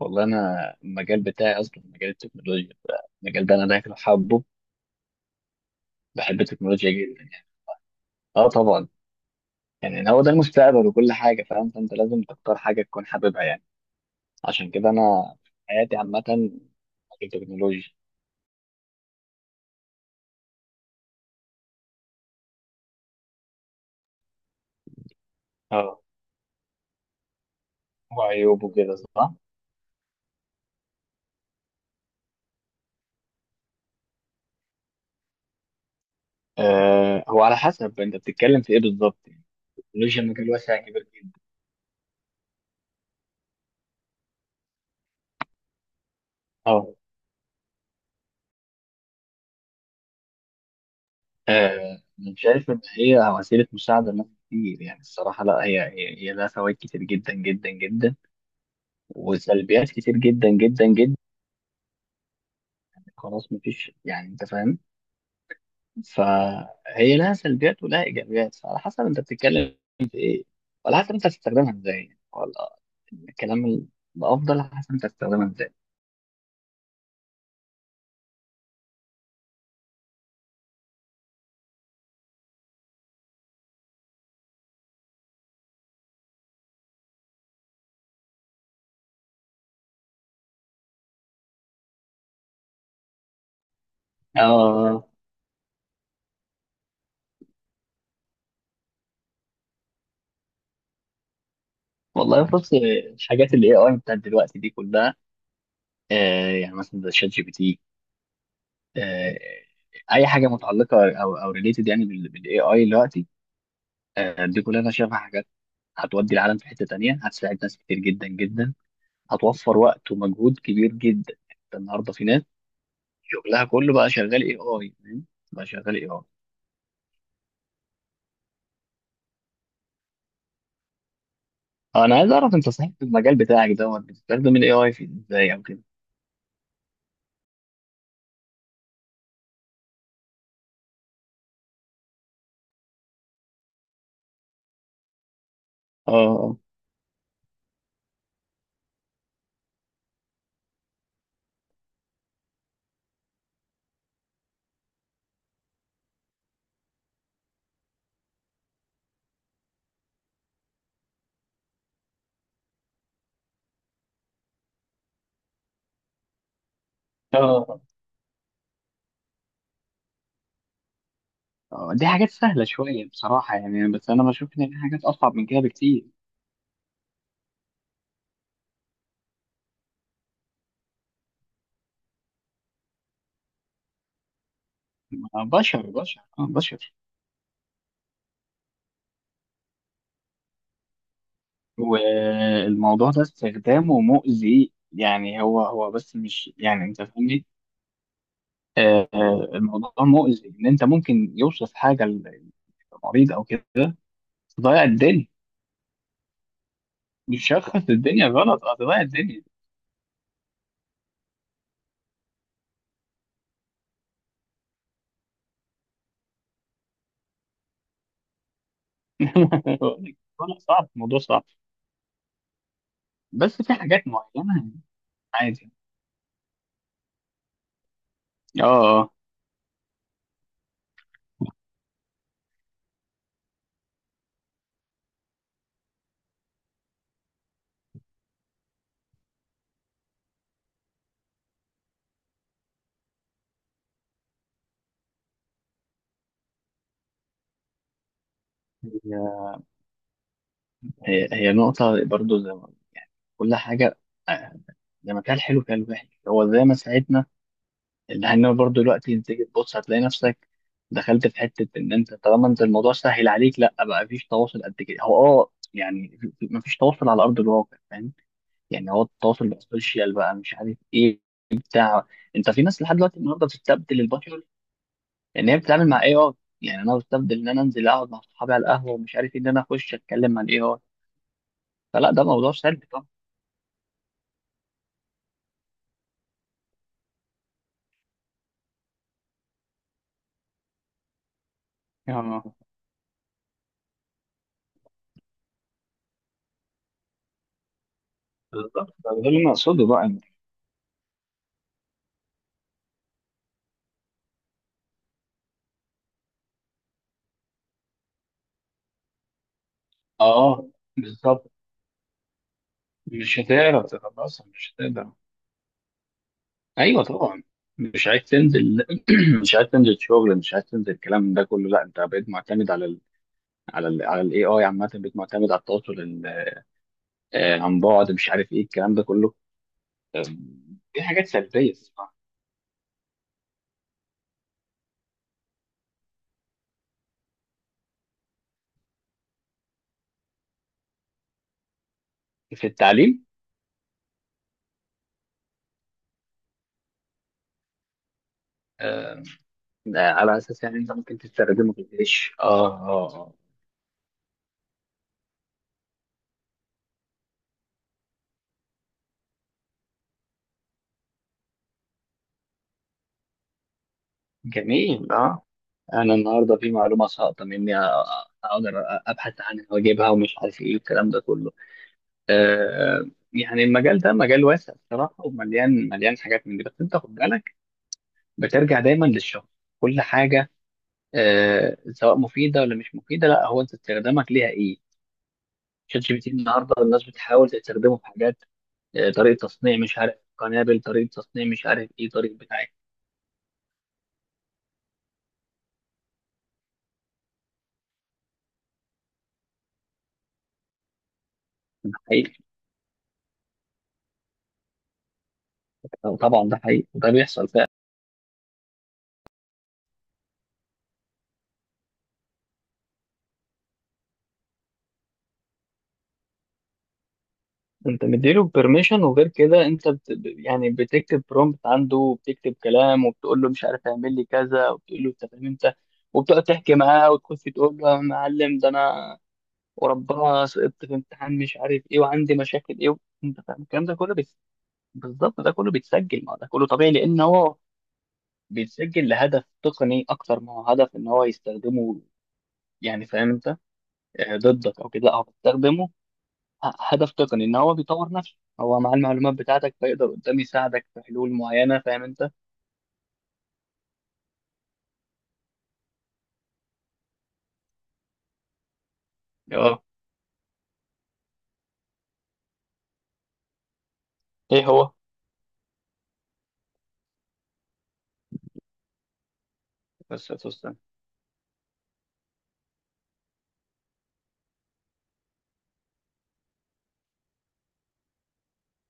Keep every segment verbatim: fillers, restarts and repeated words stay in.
والله انا المجال بتاعي اصلا مجال التكنولوجيا. المجال ده انا داخل حابه. بحب التكنولوجيا جدا يعني. اه، طبعا. يعني هو ده المستقبل وكل حاجه فاهم، فانت لازم تختار حاجه تكون حاببها يعني. عشان كده انا حياتي عامه مجال تكنولوجيا. اه، وعيوبه كده صح. آه هو على حسب انت بتتكلم في ايه بالظبط يعني. التكنولوجيا مجال واسع كبير جدا. اه. آه، انا شايف ان هي وسيله مساعده لناس كتير يعني الصراحه لا هي هي, هي لها فوائد كتير جدا جدا جدا، وسلبيات كتير جدا جدا جدا. خلاص، مفيش يعني انت فاهم. فهي لها سلبيات ولها ايجابيات، فعلى حسب انت بتتكلم في ايه وعلى حسب انت هتستخدمها ازاي، ولا الكلام ال- الافضل على حسب انت هتستخدمها ازاي. اه. والله بص، الحاجات اللي اي اي بتاعت دلوقتي دي كلها، آه يعني مثلا زي شات جي بي تي، آه اي حاجه متعلقه او او ريليتد يعني بالاي اي دلوقتي، آه دي كلها انا شايفها حاجات هتودي العالم في حته تانيه، هتساعد ناس كتير جدا جدا، هتوفر وقت ومجهود كبير جدا. انت النهارده في ناس شغلها كله بقى شغال اي اي، فاهم؟ بقى شغال اي اي. انا عايز اعرف انت صحيح في المجال بتاعك دوت بتستخدم الاي اي في ازاي او كده. اه، اه. آه، دي حاجات سهله شويه بصراحه يعني، بس انا بشوف ان في حاجات اصعب من كده بكتير. آه، بشر بشر اه بشر. والموضوع ده استخدامه مؤذي يعني، هو هو بس، مش يعني انت فاهمني. آه، آه، الموضوع مؤذي ان انت ممكن يوصف حاجه للمريض او كده، تضيع الدنيا، مش هتخلص الدنيا غلط، هتضيع الدنيا. بقول لك الموضوع صعب الموضوع صعب، بس في حاجات معينة. عادي. اه، اه. هي هي هي نقطة برضو زي ما كل حاجة، آه، زي ما كان حلو كان وحش، هو زي ما ساعدنا اللي هنا برضو دلوقتي، انت تيجي تبص هتلاقي نفسك دخلت في حتة ان انت طالما انت الموضوع سهل عليك، لا بقى مفيش تواصل قد كده، هو اه يعني في- في- مفيش تواصل على ارض الواقع فاهم. يعني هو التواصل بقى سوشيال، بقى مش عارف ايه بتاع. انت في ناس لحد دلوقتي النهارده بتستبدل البشر، ان هي بتتعامل مع اي اي. يعني انا بستبدل ان انا انزل اقعد مع صحابي على القهوه ومش عارف ايه، ان انا اخش اتكلم مع الاي اي. فلا، ده موضوع سلبي طبعا. اه. بالظبط ده اللي انا اقصده بقى إن- اه. بالظبط، مش هتعرف تخلصها، مش هتقدر. ايوه طبعا. مش عايز تنزل مش عايز تنزل شغل، مش عايز تنزل الكلام ده كله، لا انت بقيت معتمد على ال على ال على الاي اي عامه، بقيت معتمد على التواصل آه، عن بعد، مش عارف ايه الكلام ده كله. آه، دي حاجات سلبيه الصراحة. في التعليم. آه، آه، على اساس يعني انت ممكن تستخدمه في الجيش اه اه آه. جميل، اه. انا النهارده في معلومه ساقطه مني، أ- أ- اقدر أ- ابحث عنها واجيبها، ومش عارف ايه الكلام ده كله. آه، يعني المجال ده مجال واسع الصراحه ومليان مليان حاجات من دي، بس انت خد بالك بترجع دايما للشخص. كل حاجه، آه، سواء مفيده ولا مش مفيده، لا هو انت استخدامك ليها ايه. شات جي بي تي النهارده الناس بتحاول تستخدمه في حاجات، آه، طريقه تصنيع مش عارف قنابل، طريقه تصنيع مش عارف ايه، طريقه بتاع إيه. ده حقيقي. طبعا ده حقيقي، ده بيحصل فعلا. انت مديله بيرميشن، وغير كده انت بت... يعني بتكتب برومبت عنده، وبتكتب كلام، وبتقول له مش عارف اعمل لي كذا، وبتقول له انت فاهم انت. وبتقعد تحكي معاه، وتخش تقول له يا معلم، ده انا وربنا سقطت في امتحان مش عارف ايه، وعندي مشاكل ايه. انت فاهم الكلام ده كله بيت... بالظبط، ده كله بيتسجل. ما ده كله طبيعي، لان هو بيتسجل لهدف تقني اكتر ما هو هدف ان هو يستخدمه يعني فاهم انت، آه، ضدك او كده، لا هو بيستخدمه ه- هدف تقني، ان هو بيطور نفسه هو مع المعلومات بتاعتك، فيقدر قدام يساعدك في حلول معينه فاهم انت. اه. ايه هو. بس استنى.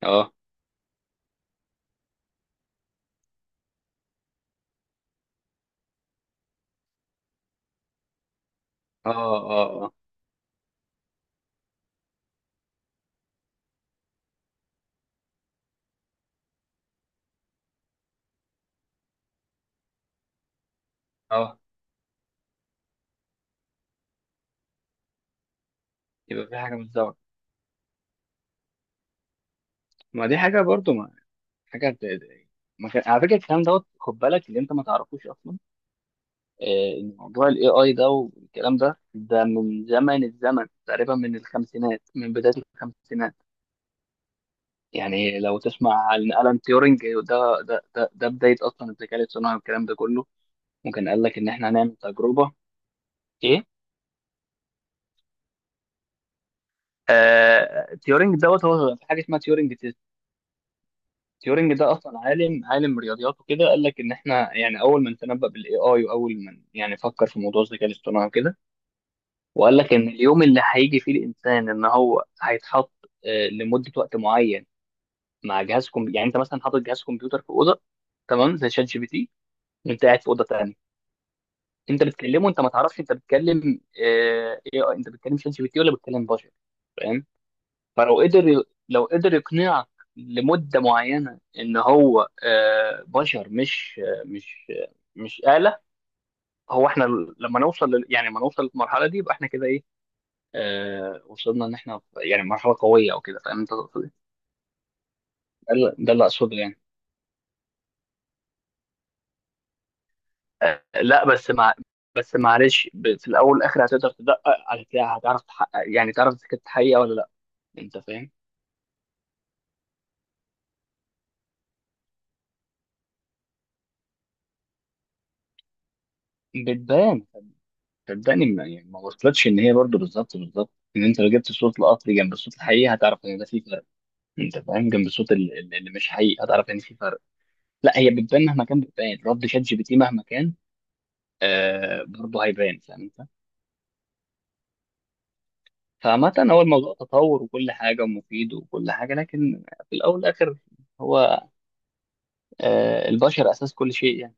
اه، اه، اه، اه، اه. يبقى في حاجه متزوجه. ما دي حاجه برضو، ما حاجه بت- ما كان- على فكره الكلام دوت خد بالك اللي انت ما تعرفوش اصلا. آه، موضوع الاي اي ده والكلام ده ده من زمن الزمن تقريبا، من الخمسينات من بداية الخمسينات. يعني لو تسمع عن ألان تيورينج، ده ده ده, ده بداية أصلا الذكاء الاصطناعي والكلام ده كله. ممكن قال لك إن إحنا هنعمل تجربة إيه. آه تيورينج دوت هو في حاجة اسمها تيورينج تيست. تيورينج ده أصلا عالم عالم رياضيات وكده، قال لك إن إحنا يعني أول من تنبأ بالإي آي، وأول من يعني فكر في موضوع الذكاء الاصطناعي وكده. وقال لك ان اليوم اللي هيجي فيه الانسان ان هو هيتحط آه، لمده وقت معين مع جهاز كمبيوتر. يعني انت مثلا حاطط جهاز كمبيوتر في اوضه، تمام زي شات جي بي تي، وانت قاعد في اوضه تانيه، انت بتكلمه، انت ما تعرفش انت بتكلم آه، ايه، انت بتكلم شات جي بي تي ولا بتكلم بشر، فاهم. فلو قدر لو قدر يقنعك لمده معينه ان هو آه، بشر، مش آه، مش آه، مش آلة. هو احنا لما نوصل لل- يعني لما نوصل للمرحله دي، يبقى احنا كده ايه، آه، وصلنا ان احنا يعني مرحله قويه او كده، فاهم انت تقصد إيه؟ ده اللي ده اللي اقصده يعني. آه، لا بس مع بس معلش، ب- في الاول والاخر هتقدر تدقق، هتلاقي هتعرف تحقق، يعني تعرف اذا كانت حقيقه ولا لا، انت فاهم. بتبان. صدقني، ما- يعني ما وصلتش ان هي برضو بالظبط بالظبط. ان انت لو جبت صوت القطر جنب الصوت الحقيقي، هتعرف ان ده في فرق. انت فاهم، جنب الصوت ال- ال- اللي مش حقيقي، هتعرف ان في فرق. لا هي بتبان مهما كان، بتبان رد شات جي بي تي مهما كان. آه برضه هيبان، فاهم انت؟ فعامة، هو الموضوع تطور وكل حاجة ومفيد وكل حاجة، لكن في الأول والآخر، هو آه، البشر أساس كل شيء يعني.